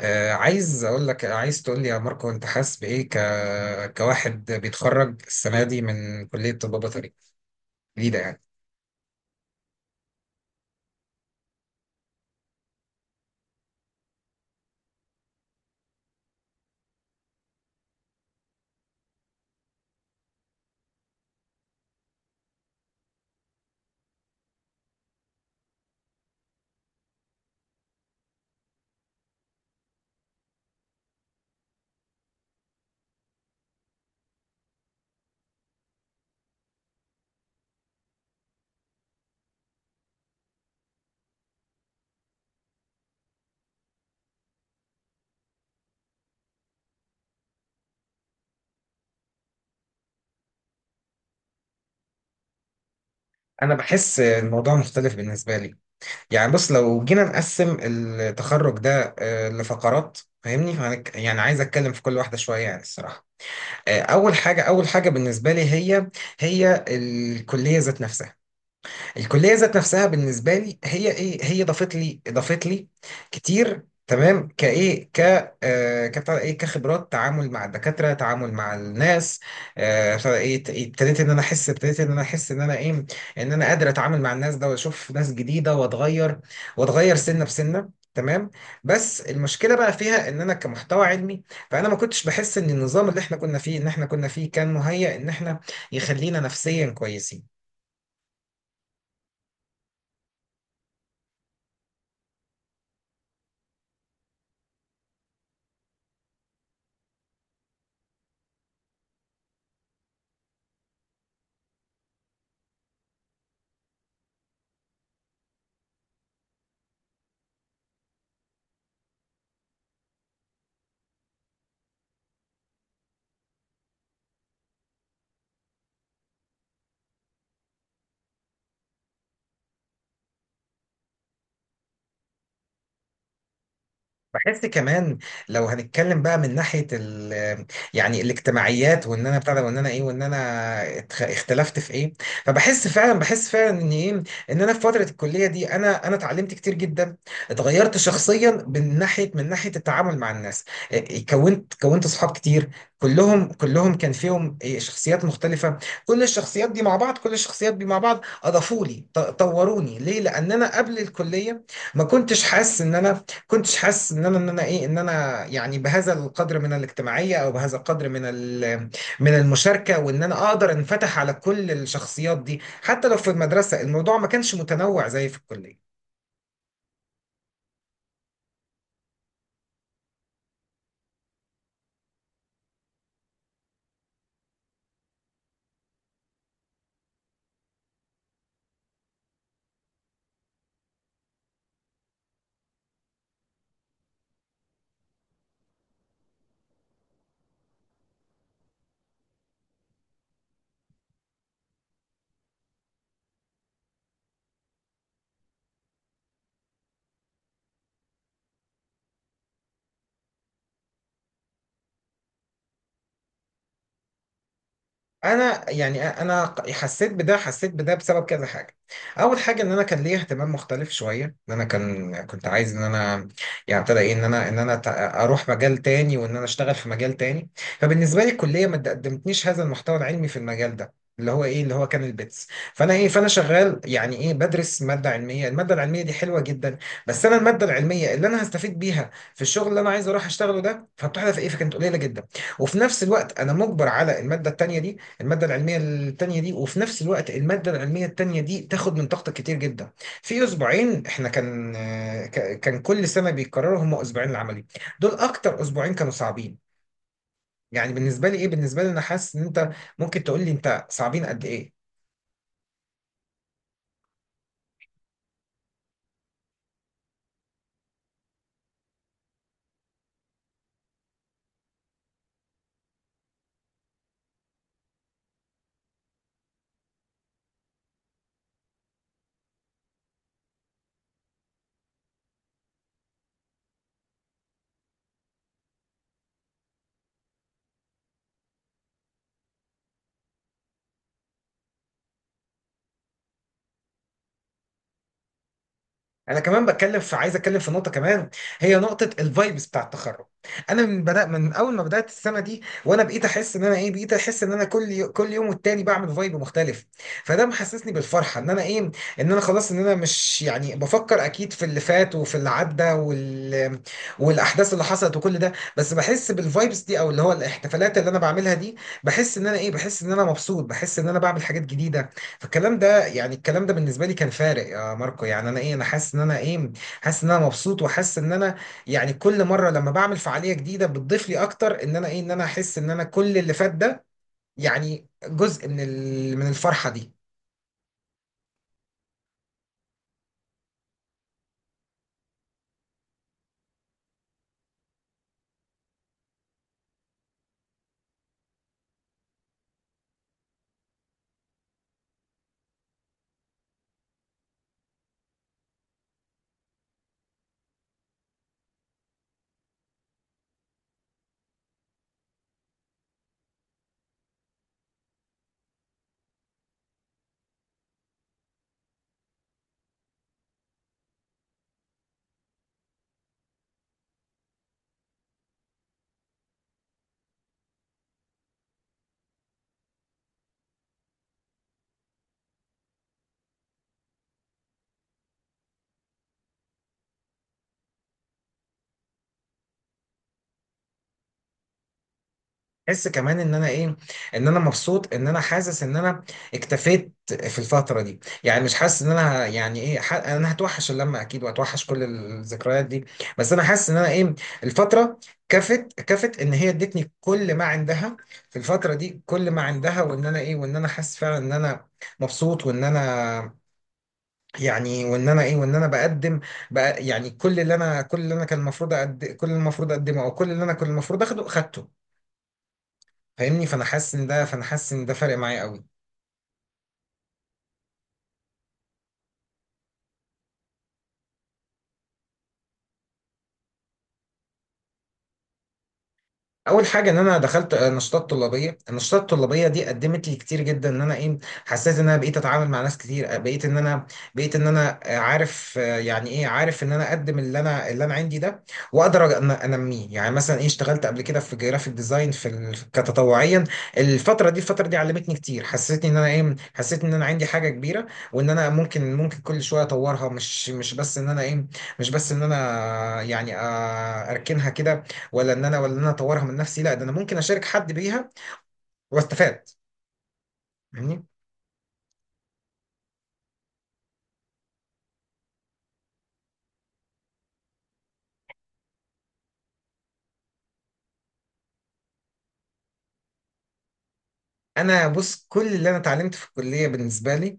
عايز اقول لك، عايز تقول لي يا ماركو، انت حاسس بايه كواحد بيتخرج السنه دي من كليه طب بيطري جديده يعني؟ انا بحس الموضوع مختلف بالنسبه لي. يعني بص، لو جينا نقسم التخرج ده لفقرات، فاهمني؟ يعني عايز اتكلم في كل واحده شويه، يعني الصراحه. اول حاجه بالنسبه لي، هي الكليه ذات نفسها. الكليه ذات نفسها بالنسبه لي هي ايه؟ هي ضافت لي كتير، تمام؟ كايه ك آه كبتاع ده ايه كخبرات، تعامل مع الدكاتره، تعامل مع الناس، بتاع ده ايه ت- إيه، ابتديت ان انا احس ابتديت ان انا احس ان انا ايه ان انا قادر اتعامل مع الناس ده، واشوف ناس جديده، واتغير سنه بسنه، تمام. بس المشكله بقى فيها ان انا كمحتوى علمي، فانا ما كنتش بحس ان النظام اللي احنا كنا فيه كان مهيأ ان احنا، يخلينا نفسيا كويسين. بحس كمان، لو هنتكلم بقى من ناحية يعني الاجتماعيات، وان انا بتاع ده، وان انا ايه، وان انا اختلفت في ايه. فبحس فعلا بحس فعلا ان ايه، ان انا في فترة الكلية دي انا اتعلمت كتير جدا، اتغيرت شخصيا من ناحية التعامل مع الناس. كونت اصحاب كتير. كلهم كان فيهم شخصيات مختلفة. كل الشخصيات دي مع بعض كل الشخصيات دي مع بعض اضافوا لي، طوروني، ليه؟ لان انا قبل الكلية ما كنتش حاسس ان انا، كنتش حاسس ان انا، ان انا ايه ان انا يعني بهذا القدر من الاجتماعيه، او بهذا القدر من من المشاركه، وان انا اقدر انفتح على كل الشخصيات دي، حتى لو في المدرسه الموضوع ما كانش متنوع زي في الكليه. انا يعني انا حسيت بده بسبب كذا حاجه. اول حاجه ان انا كان ليا اهتمام مختلف شويه، ان انا كان كنت عايز ان انا يعني ابتدى ايه، ان انا اروح مجال تاني، وان انا اشتغل في مجال تاني. فبالنسبه لي الكليه ما قدمتنيش هذا المحتوى العلمي في المجال ده، اللي هو ايه، اللي هو كان البيتس. فانا ايه، فانا شغال يعني ايه، بدرس ماده علميه. الماده العلميه دي حلوه جدا، بس انا الماده العلميه اللي انا هستفيد بيها في الشغل اللي انا عايز اروح اشتغله ده، فبتحدث ايه، فكانت قليله جدا. وفي نفس الوقت انا مجبر على الماده التانيه دي، المادة العلمية التانية دي، وفي نفس الوقت المادة العلمية التانية دي تاخد من طاقتك كتير جدا. في أسبوعين احنا كان، كان كل سنة بيتكرروا هم أسبوعين العملي، دول أكتر أسبوعين كانوا صعبين. يعني بالنسبة لي إيه، بالنسبة لي أنا حاسس إن أنت ممكن تقول لي أنت صعبين قد إيه. انا كمان بتكلم في، عايز اتكلم في نقطه كمان، هي نقطه الفايبس بتاع التخرج. انا من بدا، من اول ما بدات السنه دي وانا بقيت احس ان انا ايه، بقيت احس ان انا كل يوم والتاني بعمل فايب مختلف. فده محسسني بالفرحه، ان انا ايه، ان انا خلاص، ان انا مش يعني بفكر اكيد في اللي فات وفي اللي عدى والاحداث اللي حصلت وكل ده. بس بحس بالفايبس دي، او اللي هو الاحتفالات اللي انا بعملها دي، بحس ان انا ايه، بحس ان انا مبسوط، بحس ان انا بعمل حاجات جديده. فالكلام ده، يعني الكلام ده بالنسبه لي كان فارق، يا ماركو. يعني انا ايه، انا حاسس ان انا ايه، حاسس ان انا مبسوط، وحاسس ان انا يعني كل مره لما بعمل فعاليه جديده بتضيف لي اكتر، ان انا ايه، ان انا احس ان انا كل اللي فات ده يعني جزء من من الفرحه دي. احس كمان ان انا ايه، ان انا مبسوط، ان انا حاسس ان انا اكتفيت في الفتره دي. يعني مش حاسس ان انا يعني ايه، انا هتوحش اللمه اكيد، وهتوحش كل الذكريات دي. بس انا حاسس ان انا ايه، الفتره كفت ان هي ادتني كل ما عندها. في الفتره دي كل ما عندها، وان انا ايه، وان انا حاسس فعلا ان انا مبسوط، وان انا، يعني وان انا ايه، وان انا بقدم بقى يعني كل اللي انا كان المفروض كل اللي المفروض اقدمه، او كل اللي انا كنت المفروض اخده خدته. فاهمني؟ فانا حاسس ان ده فارق معايا قوي. اول حاجه ان انا دخلت نشاطات طلابيه. النشاطات الطلابيه دي قدمت لي كتير جدا، ان انا ايه، حسيت ان انا بقيت اتعامل مع ناس كتير، بقيت ان انا، بقيت ان انا عارف يعني ايه، عارف ان انا اقدم اللي انا، اللي انا عندي ده، واقدر ان انميه. يعني مثلا ايه، اشتغلت قبل كده في جرافيك ديزاين في كتطوعيا. الفتره دي علمتني كتير، حسيتني ان انا ايه، حسيت ان انا عندي حاجه كبيره، وان انا ممكن كل شويه اطورها، مش بس ان انا ايه، مش بس ان انا يعني اركنها كده، ولا ان انا، ولا ان انا اطورها من نفسي، لا ده انا ممكن اشارك حد بيها، واستفاد. فاهمني؟ انا بص، كل اللي انا اتعلمت في الكليه بالنسبه لي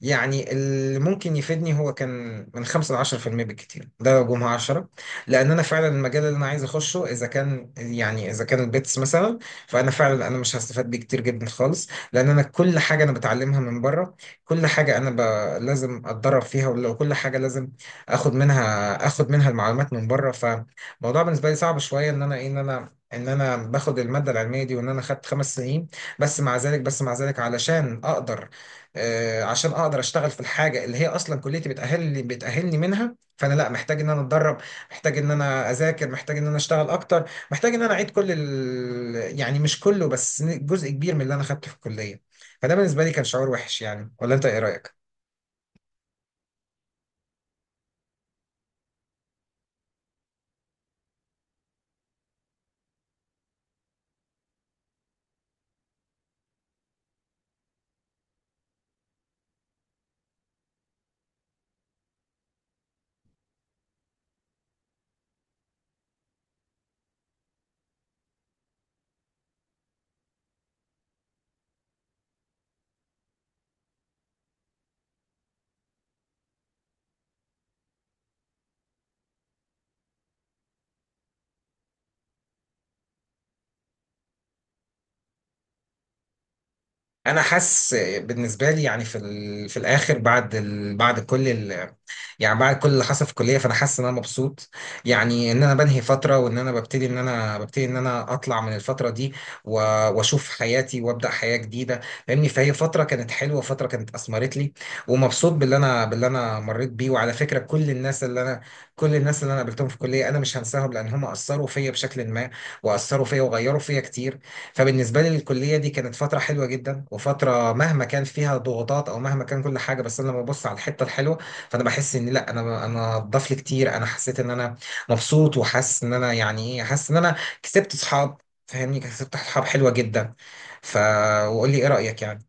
يعني اللي ممكن يفيدني هو كان من 5 ل 10% بالكتير، ده لو جمعة 10. لان انا فعلا المجال اللي انا عايز اخشه، اذا كان يعني اذا كان البيتس مثلا، فانا فعلا انا مش هستفاد بيه كتير جدا خالص، لان انا كل حاجة انا بتعلمها من بره. كل حاجة انا لازم اتدرب فيها، ولو كل حاجة لازم اخد منها المعلومات من بره. فالموضوع بالنسبة لي صعب شوية، ان انا ايه، ان انا ان انا باخد الماده العلميه دي، وان انا خدت خمس سنين. بس مع ذلك علشان اقدر، عشان اقدر اشتغل في الحاجه اللي هي اصلا كليتي بتاهلني منها، فانا لا محتاج ان انا اتدرب، محتاج ان انا اذاكر، محتاج ان انا اشتغل اكتر، محتاج ان انا اعيد يعني مش كله، بس جزء كبير من اللي انا خدته في الكليه. فده بالنسبه لي كان شعور وحش يعني، ولا انت ايه رايك؟ انا حاسس، بالنسبه لي يعني في في الاخر، بعد بعد كل يعني بعد كل اللي حصل في الكليه، فانا حاسس ان انا مبسوط. يعني ان انا بنهي فتره، وان انا ببتدي، ان انا اطلع من الفتره دي، و... واشوف حياتي، وابدا حياه جديده. فاهمني؟ فهي فتره كانت حلوه، فتره كانت اثمرت لي، ومبسوط باللي انا مريت بيه. وعلى فكره كل الناس اللي انا قابلتهم في الكليه انا مش هنساهم، لان هم اثروا فيا بشكل ما، واثروا فيا وغيروا فيا كتير. فبالنسبة لي الكلية دي كانت فترة حلوة جدا، وفترة مهما كان فيها ضغوطات، أو مهما كان كل حاجة، بس أنا لما ببص على الحتة الحلوة، فأنا بحس إن لأ، أنا اتضاف لي كتير. أنا حسيت إن أنا مبسوط، وحاسس إن أنا يعني إيه، حاسس إن أنا كسبت صحاب. فاهمني؟ كسبت صحاب حلوة جدا. ف، وقول لي إيه رأيك يعني.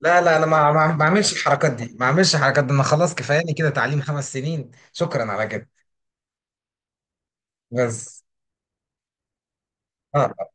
لا لا، أنا ما بعملش الحركات دي، ما بعملش الحركات دي، أنا خلاص كفاياني كده تعليم خمس سنين، شكرا على كده. بس، آه.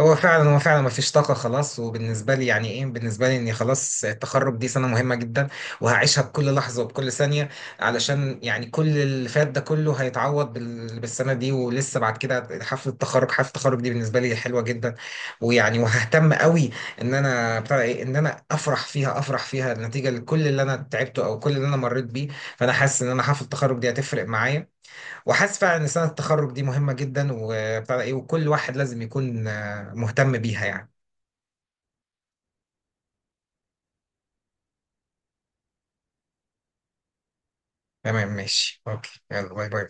هو فعلا، هو فعلا ما فيش طاقة خلاص. وبالنسبة لي يعني ايه، بالنسبة لي اني خلاص التخرج دي سنة مهمة جدا، وهعيشها بكل لحظة وبكل ثانية. علشان يعني كل اللي فات ده كله هيتعوض بالسنة دي، ولسه بعد كده حفلة التخرج. حفلة التخرج دي بالنسبة لي حلوة جدا، ويعني وههتم قوي، ان انا بتاع ايه، ان انا افرح فيها، افرح فيها نتيجة لكل اللي انا تعبته، او كل اللي انا مريت بيه. فانا حاسس ان انا حفلة التخرج دي هتفرق معايا، وحاسس فعلا ان سنه التخرج دي مهمه جدا، وبتاع ده ايه، وكل واحد لازم يكون مهتم بيها يعني. تمام، ماشي، اوكي، يلا، باي باي.